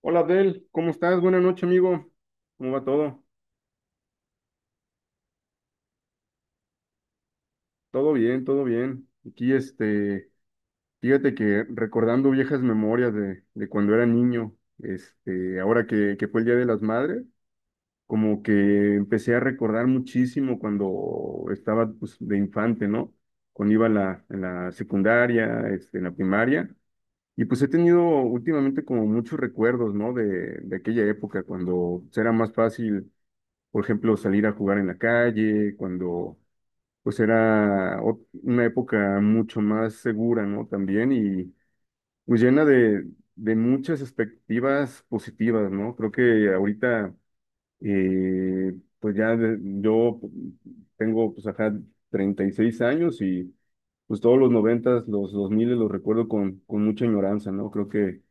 Hola Abdel, ¿cómo estás? Buenas noches, amigo. ¿Cómo va todo? Todo bien, todo bien. Aquí, fíjate que recordando viejas memorias de cuando era niño, ahora que fue el Día de las Madres, como que empecé a recordar muchísimo cuando estaba, pues, de infante, ¿no? Cuando iba a la, en la secundaria, en la primaria. Y pues he tenido últimamente como muchos recuerdos, ¿no? De aquella época, cuando pues, era más fácil por ejemplo, salir a jugar en la calle, cuando pues era una época mucho más segura, ¿no? También y pues llena de muchas expectativas positivas, ¿no? Creo que ahorita, eh, pues yo tengo, pues acá 36 años y pues todos los noventas los dos miles los recuerdo con mucha añoranza, ¿no? Creo que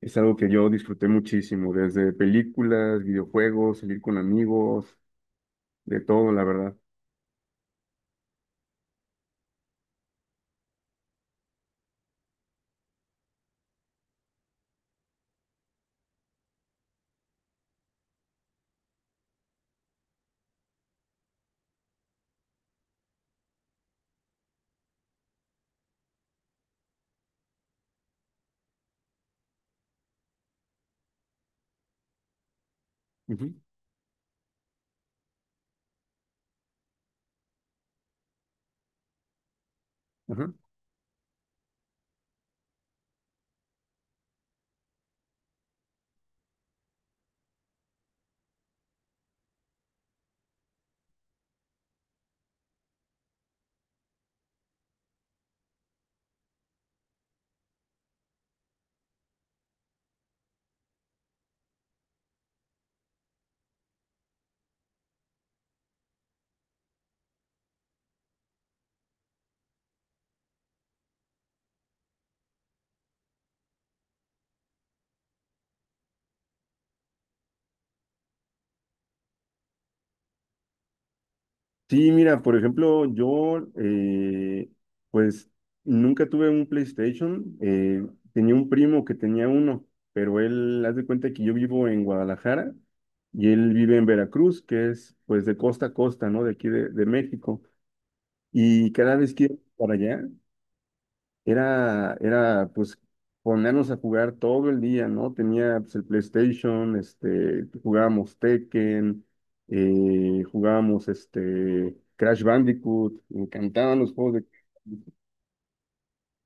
es algo que yo disfruté muchísimo, desde películas, videojuegos, salir con amigos, de todo, la verdad. Ujú, ajá. Sí, mira, por ejemplo, yo pues nunca tuve un PlayStation. Tenía un primo que tenía uno, pero él, haz de cuenta que yo vivo en Guadalajara y él vive en Veracruz, que es pues de costa a costa, ¿no? De aquí de México. Y cada vez que iba para allá, era pues ponernos a jugar todo el día, ¿no? Tenía pues, el PlayStation, jugábamos Tekken, jugábamos Crash Bandicoot, me encantaban los juegos de...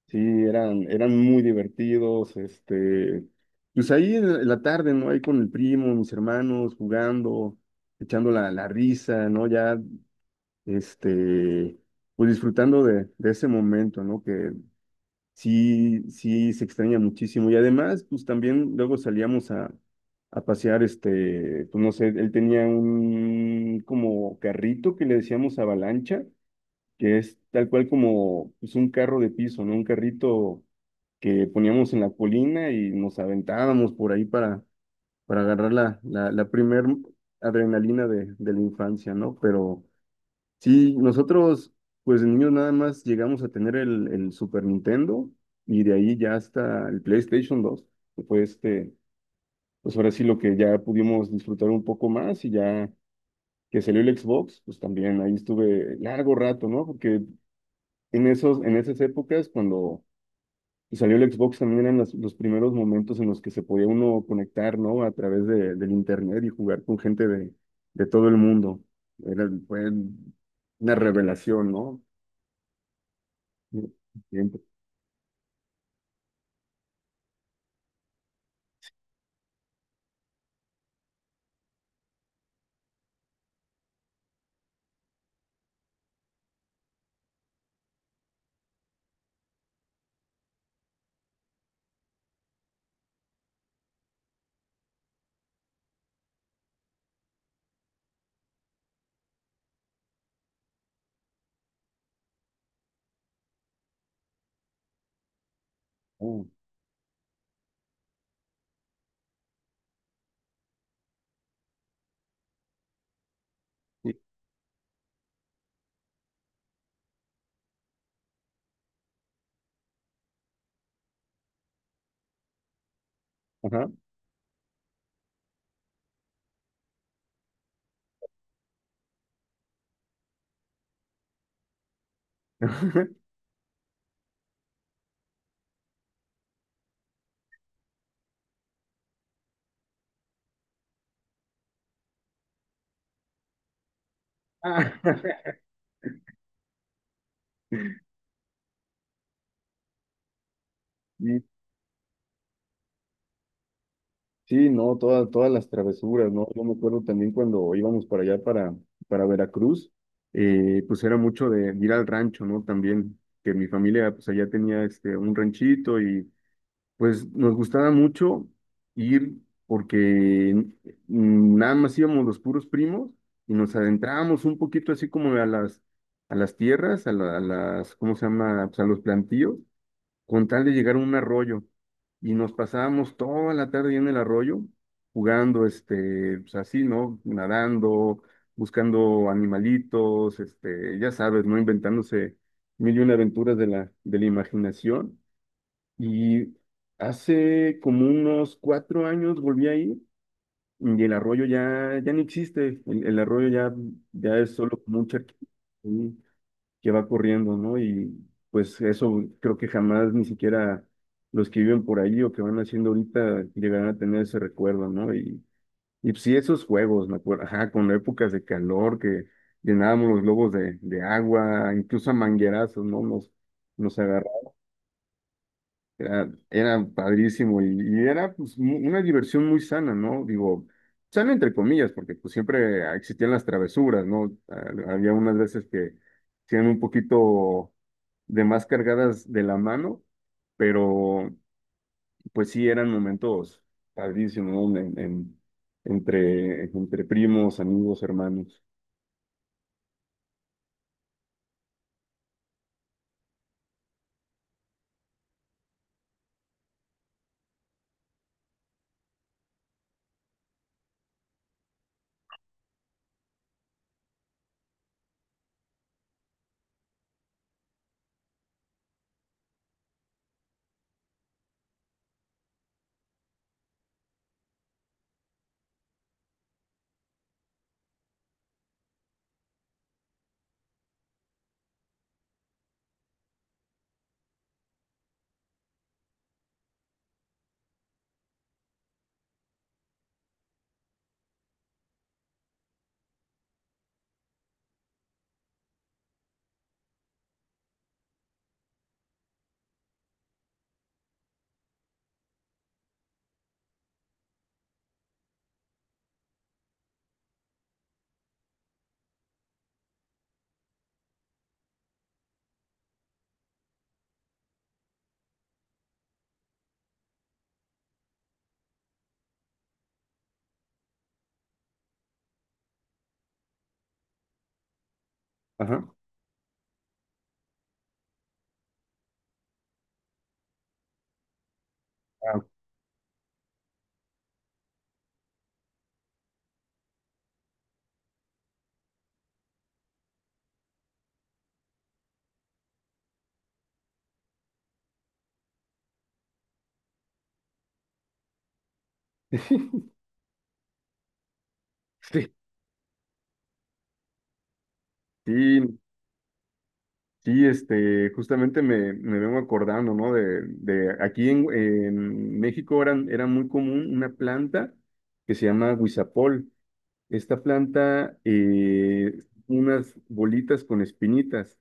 Sí, eran muy divertidos, pues ahí en la tarde, ¿no? Ahí con el primo, mis hermanos, jugando, echando la risa, ¿no? Ya, este, pues disfrutando de ese momento, ¿no? Que sí, sí, se extraña muchísimo. Y además, pues también luego salíamos a pasear, pues no sé, él tenía un como carrito que le decíamos avalancha, que es tal cual como pues, un carro de piso, ¿no? Un carrito que poníamos en la colina y nos aventábamos por ahí para agarrar la primer adrenalina de la infancia, ¿no? Pero sí, nosotros, pues de niños nada más llegamos a tener el Super Nintendo y de ahí ya hasta el PlayStation 2, que fue pues ahora sí lo que ya pudimos disfrutar un poco más y ya que salió el Xbox, pues también ahí estuve largo rato, ¿no? Porque en esas épocas, cuando salió el Xbox también eran los primeros momentos en los que se podía uno conectar, ¿no? A través del internet y jugar con gente de todo el mundo. Fue una revelación, ¿no? Sí, siempre. Ah, sí. Ajá. Ah, y sí, no, todas las travesuras, ¿no? Yo me acuerdo también cuando íbamos para allá, para Veracruz, pues era mucho de ir al rancho, ¿no? También, que mi familia, pues allá tenía un ranchito y pues nos gustaba mucho ir porque nada más íbamos los puros primos y nos adentrábamos un poquito así como a las tierras, a las, ¿cómo se llama? Pues a los plantíos con tal de llegar a un arroyo. Y nos pasábamos toda la tarde en el arroyo jugando, pues así, ¿no? Nadando, buscando animalitos, ya sabes, ¿no? Inventándose mil y una aventuras de la imaginación. Y hace como unos cuatro años volví ahí y el arroyo ya no existe. El arroyo ya, ya es solo como un charquito que va corriendo, ¿no? Y pues eso creo que jamás ni siquiera los que viven por ahí o que van haciendo ahorita llegarán a tener ese recuerdo, ¿no? Y pues, sí, esos juegos, me acuerdo, ajá, con épocas de calor que llenábamos los globos de agua, incluso a manguerazos, ¿no? Nos agarrábamos era, era padrísimo y era pues, una diversión muy sana, ¿no? Digo, sana entre comillas, porque pues siempre existían las travesuras, ¿no? Había unas veces que eran un poquito de más cargadas de la mano, pero pues sí eran momentos padrísimos, ¿no? Entre primos, amigos, hermanos. Ajá. Ah, Sí, sí, sí, justamente me vengo acordando, ¿no? De aquí en México era muy común una planta que se llama guisapol. Esta planta, unas bolitas con espinitas.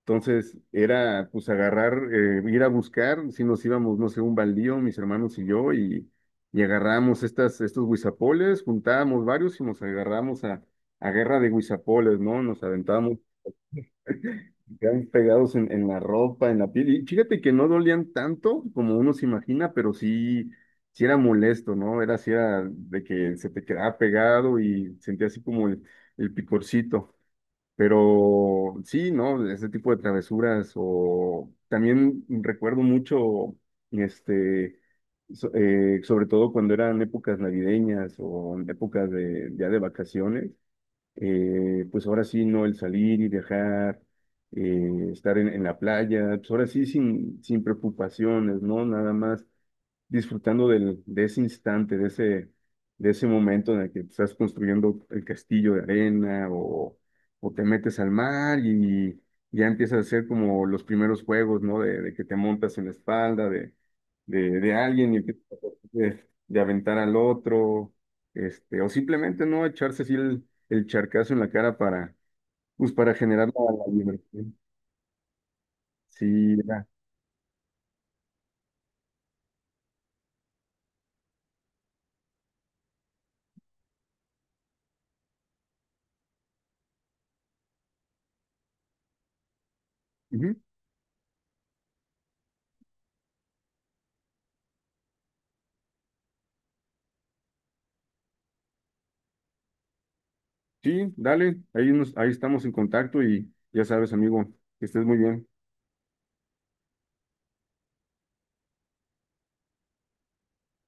Entonces, era pues agarrar, ir a buscar, si nos íbamos, no sé, un baldío, mis hermanos y yo, y agarramos estos guisapoles, juntábamos varios y nos agarramos a guerra de guisapoles, ¿no? Nos aventábamos quedaban pegados en la ropa, en la piel. Y fíjate que no dolían tanto como uno se imagina, pero sí, sí era molesto, ¿no? Era así era de que se te quedaba pegado y sentía así como el picorcito. Pero sí, ¿no? Ese tipo de travesuras. O también recuerdo mucho, este, sobre todo cuando eran épocas navideñas o en épocas de, ya de vacaciones pues ahora sí, no el salir y dejar, estar en la playa, pues ahora sí sin preocupaciones, ¿no? Nada más disfrutando del, de ese instante, de ese momento en el que estás construyendo el castillo de arena o te metes al mar y ya empiezas a hacer como los primeros juegos, ¿no? De que te montas en la espalda de alguien y empiezas a tratar de aventar al otro, o simplemente no echarse así el charcazo en la cara para, pues, para generar la diversión. Sí, era. Ujú. Sí, dale, ahí, nos, ahí estamos en contacto y ya sabes, amigo, que estés muy bien.